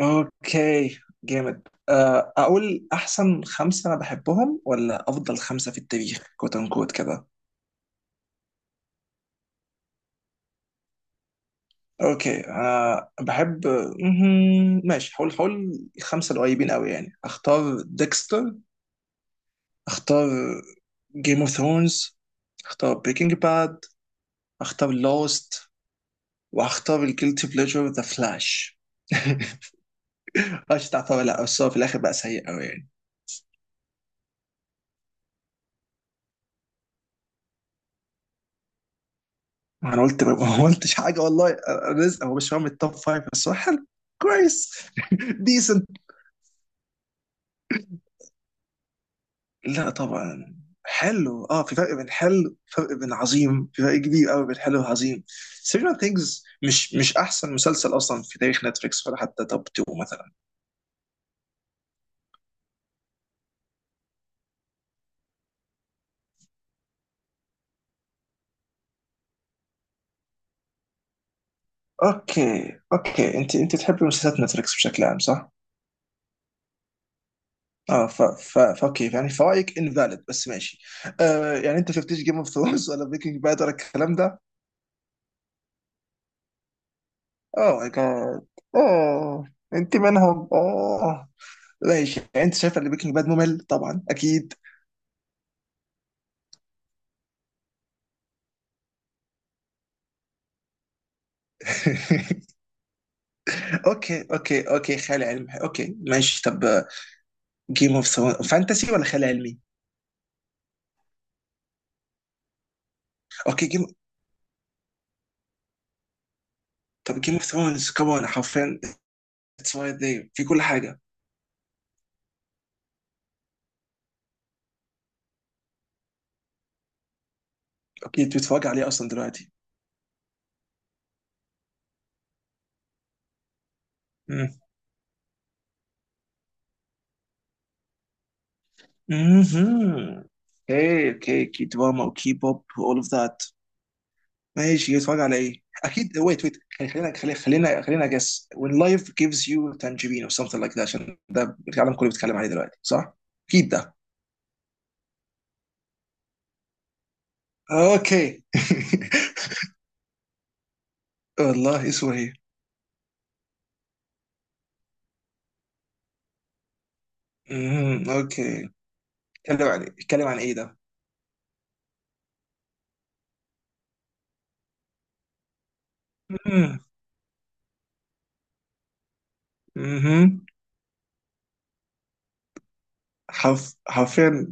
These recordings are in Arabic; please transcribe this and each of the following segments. اوكي جامد. اقول احسن خمسه انا بحبهم ولا افضل خمسه في التاريخ كوت ان كوت كده. اوكي انا بحب. مهم. ماشي حول حول خمسه القريبين قوي يعني اختار ديكستر. اختار جيم اوف ثرونز. اختار بريكنج باد. اختار لوست. واختار الجيلتي بليجر ذا فلاش. مش تعتبر لا بس هو في الاخر بقى سيء قوي يعني. ما انا قلت ما قلتش حاجه والله. رزق هو مش فاهم التوب فايف بس هو حلو. كويس. ديسنت. لا طبعا. حلو. اه في فرق بين حلو، فرق بين عظيم، في فرق كبير قوي بين حلو وعظيم. سيريال ثينجز مش احسن مسلسل اصلا في تاريخ نتفليكس ولا حتى توب 2 مثلا. اوكي اوكي، انت تحبي مسلسلات نتفليكس بشكل عام صح؟ اه ف ف فاوكي يعني فرايك انفاليد بس ماشي. آه، يعني انت شفتيش جيم اوف ثرونز ولا بريكنج باد ولا الكلام ده؟ اوه ماي جاد. اوه انت منهم، اوه. ماشي يعني انت شايفه ان بريكنج باد ممل طبعا اكيد. اوكي اوكي اوكي، خيال علمي، اوكي ماشي. طب جيم اوف ثرونز فانتسي ولا خيال علمي؟ اوكي جيم. طب جيم اوف ثرونز كمان حرفيا اتس رايت ذير في كل حاجه. اوكي انت بتتفرج عليه اصلا دلوقتي. مم. مهم. اوكي اوكي، كي دراما وكي بوب واول اوف ذات. ماشي يتفرج على ايه؟ اكيد، ويت ويت، خلينا خلينا خلينا خلينا جس when life gives you tangerine or something like that عشان ده العالم كله بيتكلم عليه دلوقتي صح؟ اكيد ده. اوكي. والله اسمه ايه؟ مهم. اوكي. اتكلم عن ايه ده؟ مهم. مهم. حرفيا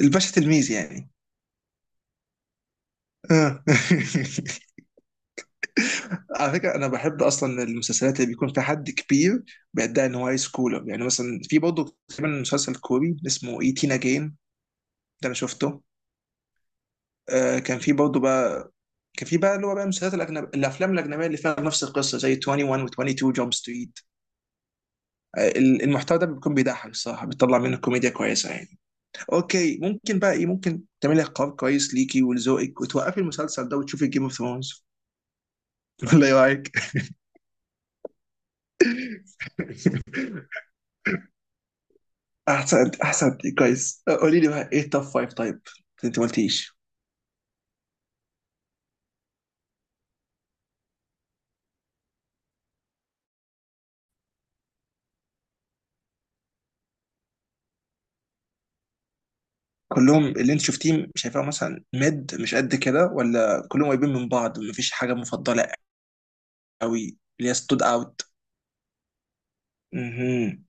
الباشا تلميذ يعني. آه. على فكره انا بحب اصلا المسلسلات اللي بيكون فيها حد كبير بيدعي ان هو هاي سكولر، يعني مثلا في برضه تقريبا مسلسل كوري اسمه 18 اجين. ده انا شفته. آه، كان في برضه بقى، كان في بقى اللي هو بقى المسلسلات الاجنبيه، الافلام الاجنبيه اللي فيها نفس القصه زي 21 و22 جامب ستريت. آه، المحتوى ده بيكون بيضحك الصراحه، بيطلع منه كوميديا كويسه يعني. اوكي، ممكن بقى ايه ممكن تعملي قرار كويس ليكي ولذوقك وتوقفي المسلسل ده وتشوفي جيم اوف ثرونز؟ ولا ايه رايك؟ احسن احسن. كويس، قولي لي بقى ايه التوب فايف طيب؟ انت ما قلتيش. كلهم اللي انت شفتيه شايفاه مثلا ميد مش قد كده ولا كلهم قريبين من بعض مفيش حاجه مفضله قوي اللي هي ستود اوت؟ امم.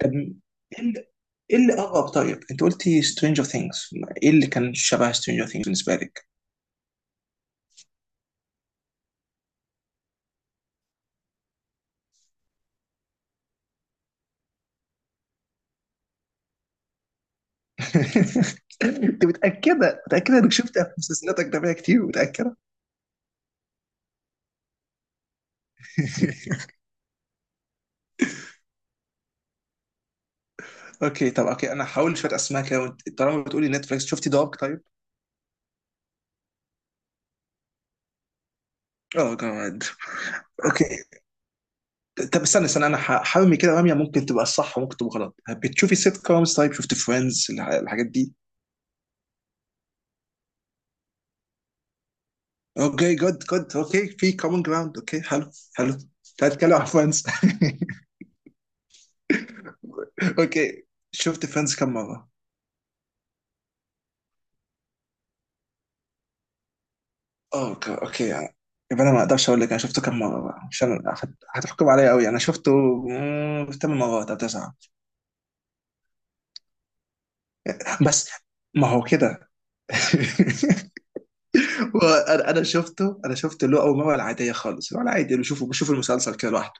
طب ايه اللي، اغرب طيب؟ انت قلتي سترينجر ثينجز، ايه اللي كان شبه سترينجر ثينجز بالنسبه لك؟ انت متاكده متاكده انك شفتها في مسلسلات اجنبيه كتير، متاكده؟ اوكي طب، اوكي انا هحاول شويه اسماء كده، وانت طالما بتقولي نتفلكس، شفتي دارك طيب؟ اه جامد. اوكي، طب استنى استنى، انا هرمي كده رميه ممكن تبقى صح وممكن تبقى غلط. بتشوفي سيت كومز؟ طيب، شفت فريندز الحاجات دي؟ اوكي جود جود، اوكي في كومن جراوند، اوكي حلو حلو. تعال نتكلم عن فريندز. اوكي. شفت فريندز كم مره؟ اوكي اوكي، يعني يبقى انا ما اقدرش اقول لك انا شفته كم مره بقى عشان هتحكم عليا قوي. انا شفته مم، ثمان مرات او تسعه. بس ما هو كده. وانا انا شفته انا شفته اللي هو اول مره العاديه خالص اللي هو العادي اللي بشوف المسلسل كده لوحده.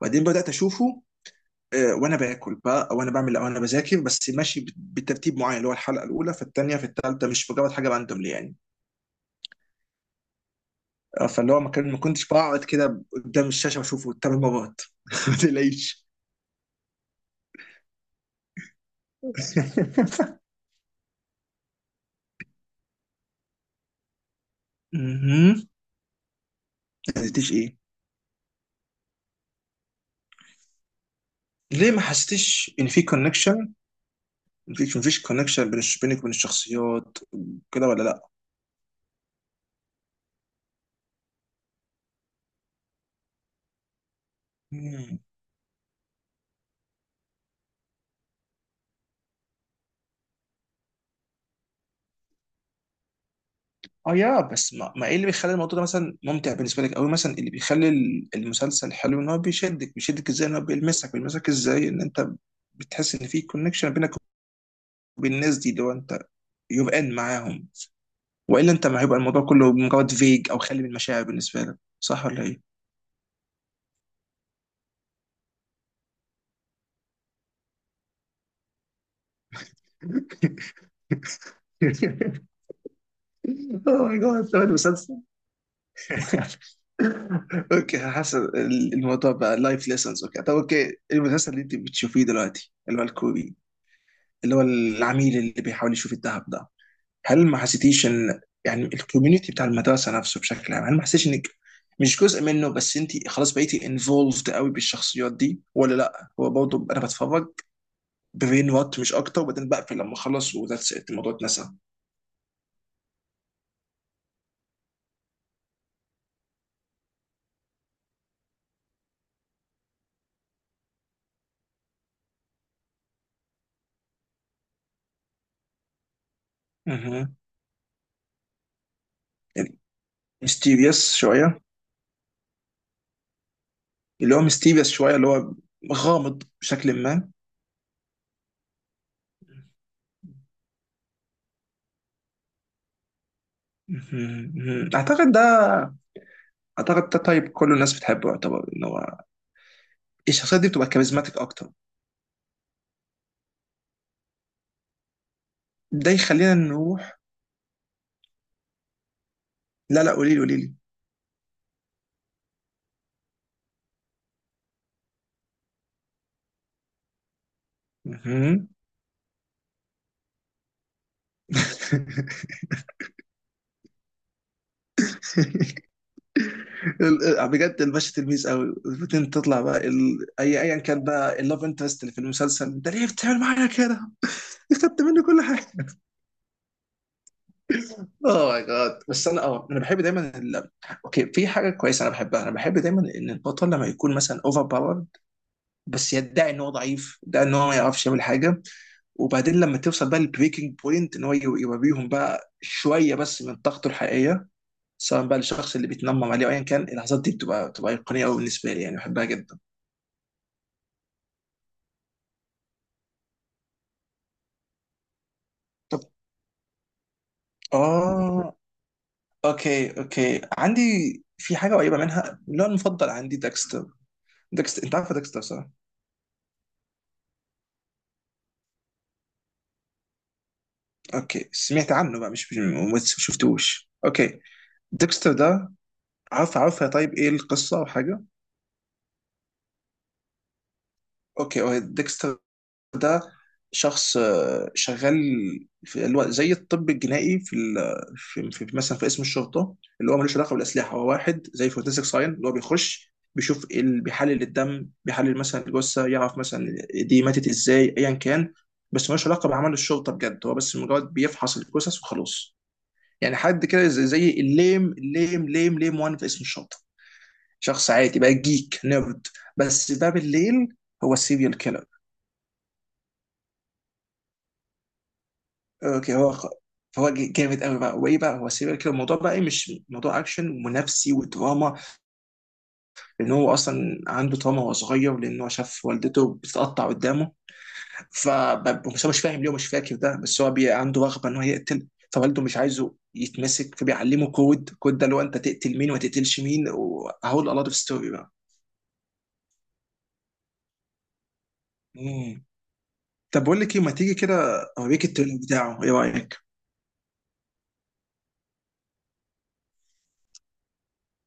وبعدين بدات اشوفه وانا باكل بقى، او انا بعمل، او انا بذاكر، بس ماشي بترتيب معين اللي هو الحلقه الاولى في الثانيه في الثالثه، مش مجرد حاجه راندوملي يعني. فاللي هو ما كنتش بقعد كده قدام الشاشه بشوفه ثمان مرات. ما تقلقيش. مهم. ما حسيتيش ايه؟ ليه ما حسيتيش ان في كونكشن؟ مفيش كونكشن بين بينك وبين الشخصيات كده ولا؟ لا؟ اه يا بس ما ايه اللي بيخلي الموضوع ده مثلا ممتع بالنسبه لك قوي، مثلا اللي بيخلي المسلسل حلو ان هو بيشدك ازاي، ان هو بيلمسك ازاي، ان انت بتحس ان في كونكشن بينك وبين الناس دي اللي هو انت يبقى ان معاهم، والا انت ما هيبقى الموضوع كله مجرد فيج او خالي من المشاعر بالنسبه لك؟ صح ولا ايه؟ اوه ماي جاد، ده مسلسل. اوكي حسن الموضوع بقى لايف ليسنز. اوكي طب، اوكي المسلسل اللي انت بتشوفيه دلوقتي اللي هو الكوري، اللي هو العميل اللي بيحاول يشوف الذهب ده، هل ما حسيتيش ان يعني الكوميونتي بتاع المدرسه نفسه بشكل عام، هل ما حسيتيش انك مش جزء منه بس انت خلاص بقيتي انفولفد قوي بالشخصيات دي، ولا لا، هو برضه انا بتفرج برين وات مش اكتر وبعدين بقفل لما اخلص وذاتس ات، الموضوع اتنسى؟ اها، يعني ميستيريس شويه، اللي هو ميستيريس شويه، اللي هو غامض بشكل ما. مهم. مهم. اعتقد ده، طيب كل الناس بتحبه، يعتبر ان هو الشخصيات دي بتبقى كاريزماتيك اكتر. ده يخلينا نروح. لا لا، قولي لي قولي لي. مهم. بجد الباشا تلميذ قوي وبعدين تطلع بقى ايا كان بقى اللاف انترست اللي في المسلسل. انت ليه بتعمل معايا كده؟ خدت مني كل حاجه. اوه ماي جاد. بس انا انا بحب دايما اوكي في حاجه كويسه انا بحبها، انا بحب دايما ان البطل لما يكون مثلا اوفر باور بس يدعي ان هو ضعيف، يدعي ان هو ما يعرفش يعمل حاجه، وبعدين لما توصل بقى للبريكنج بوينت ان هو يوريهم بقى شويه بس من طاقته الحقيقيه، سواء بقى للشخص اللي بيتنمم عليه او ايا كان. اللحظات دي بتبقى ايقونيه قوي بالنسبه لي، يعني بحبها جدا. طب اه اوكي اوكي، عندي في حاجه قريبه منها اللي هو المفضل عندي، داكستر. داكستر، انت عارف داكستر صح؟ اوكي سمعت عنه بقى، ما شفتوش، اوكي. ديكستر ده عارف عارف، طيب ايه القصه او حاجه؟ اوكي، هو ديكستر ده شخص شغال في زي الطب الجنائي في مثلا في اسم الشرطه، اللي هو ملوش علاقه بالاسلحه، هو واحد زي فورنسيك ساين اللي هو بيخش بيشوف بيحلل الدم، بيحلل مثلا الجثه يعرف مثلا دي ماتت ازاي ايا كان، بس ملوش علاقه بعمل الشرطه بجد، هو بس مجرد بيفحص الجثث وخلاص. يعني حد كده زي الليم الليم ليم ليم وان في اسم الشرطه، شخص عادي بقى جيك نيرد. بس ده بالليل هو السيريال كيلر. اوكي، هو خ- هو ج- جامد قوي بقى. وايه بقى، هو سيريال كده، الموضوع بقى ايه، مش موضوع اكشن ونفسي ودراما، لان هو اصلا عنده تراما وهو صغير، لان هو شاف والدته بتتقطع قدامه. بس هو مش فاهم ليه ومش فاكر ده، بس هو عنده رغبه ان هو يقتل. فوالده مش عايزه يتمسك، فبيعلمه كود، كود ده اللي هو انت تقتل مين وما تقتلش مين. وهقول a lot of story بقى. مم. طب بقول لك ايه، ما تيجي كده اوريك التريلر بتاعه، ايه رايك؟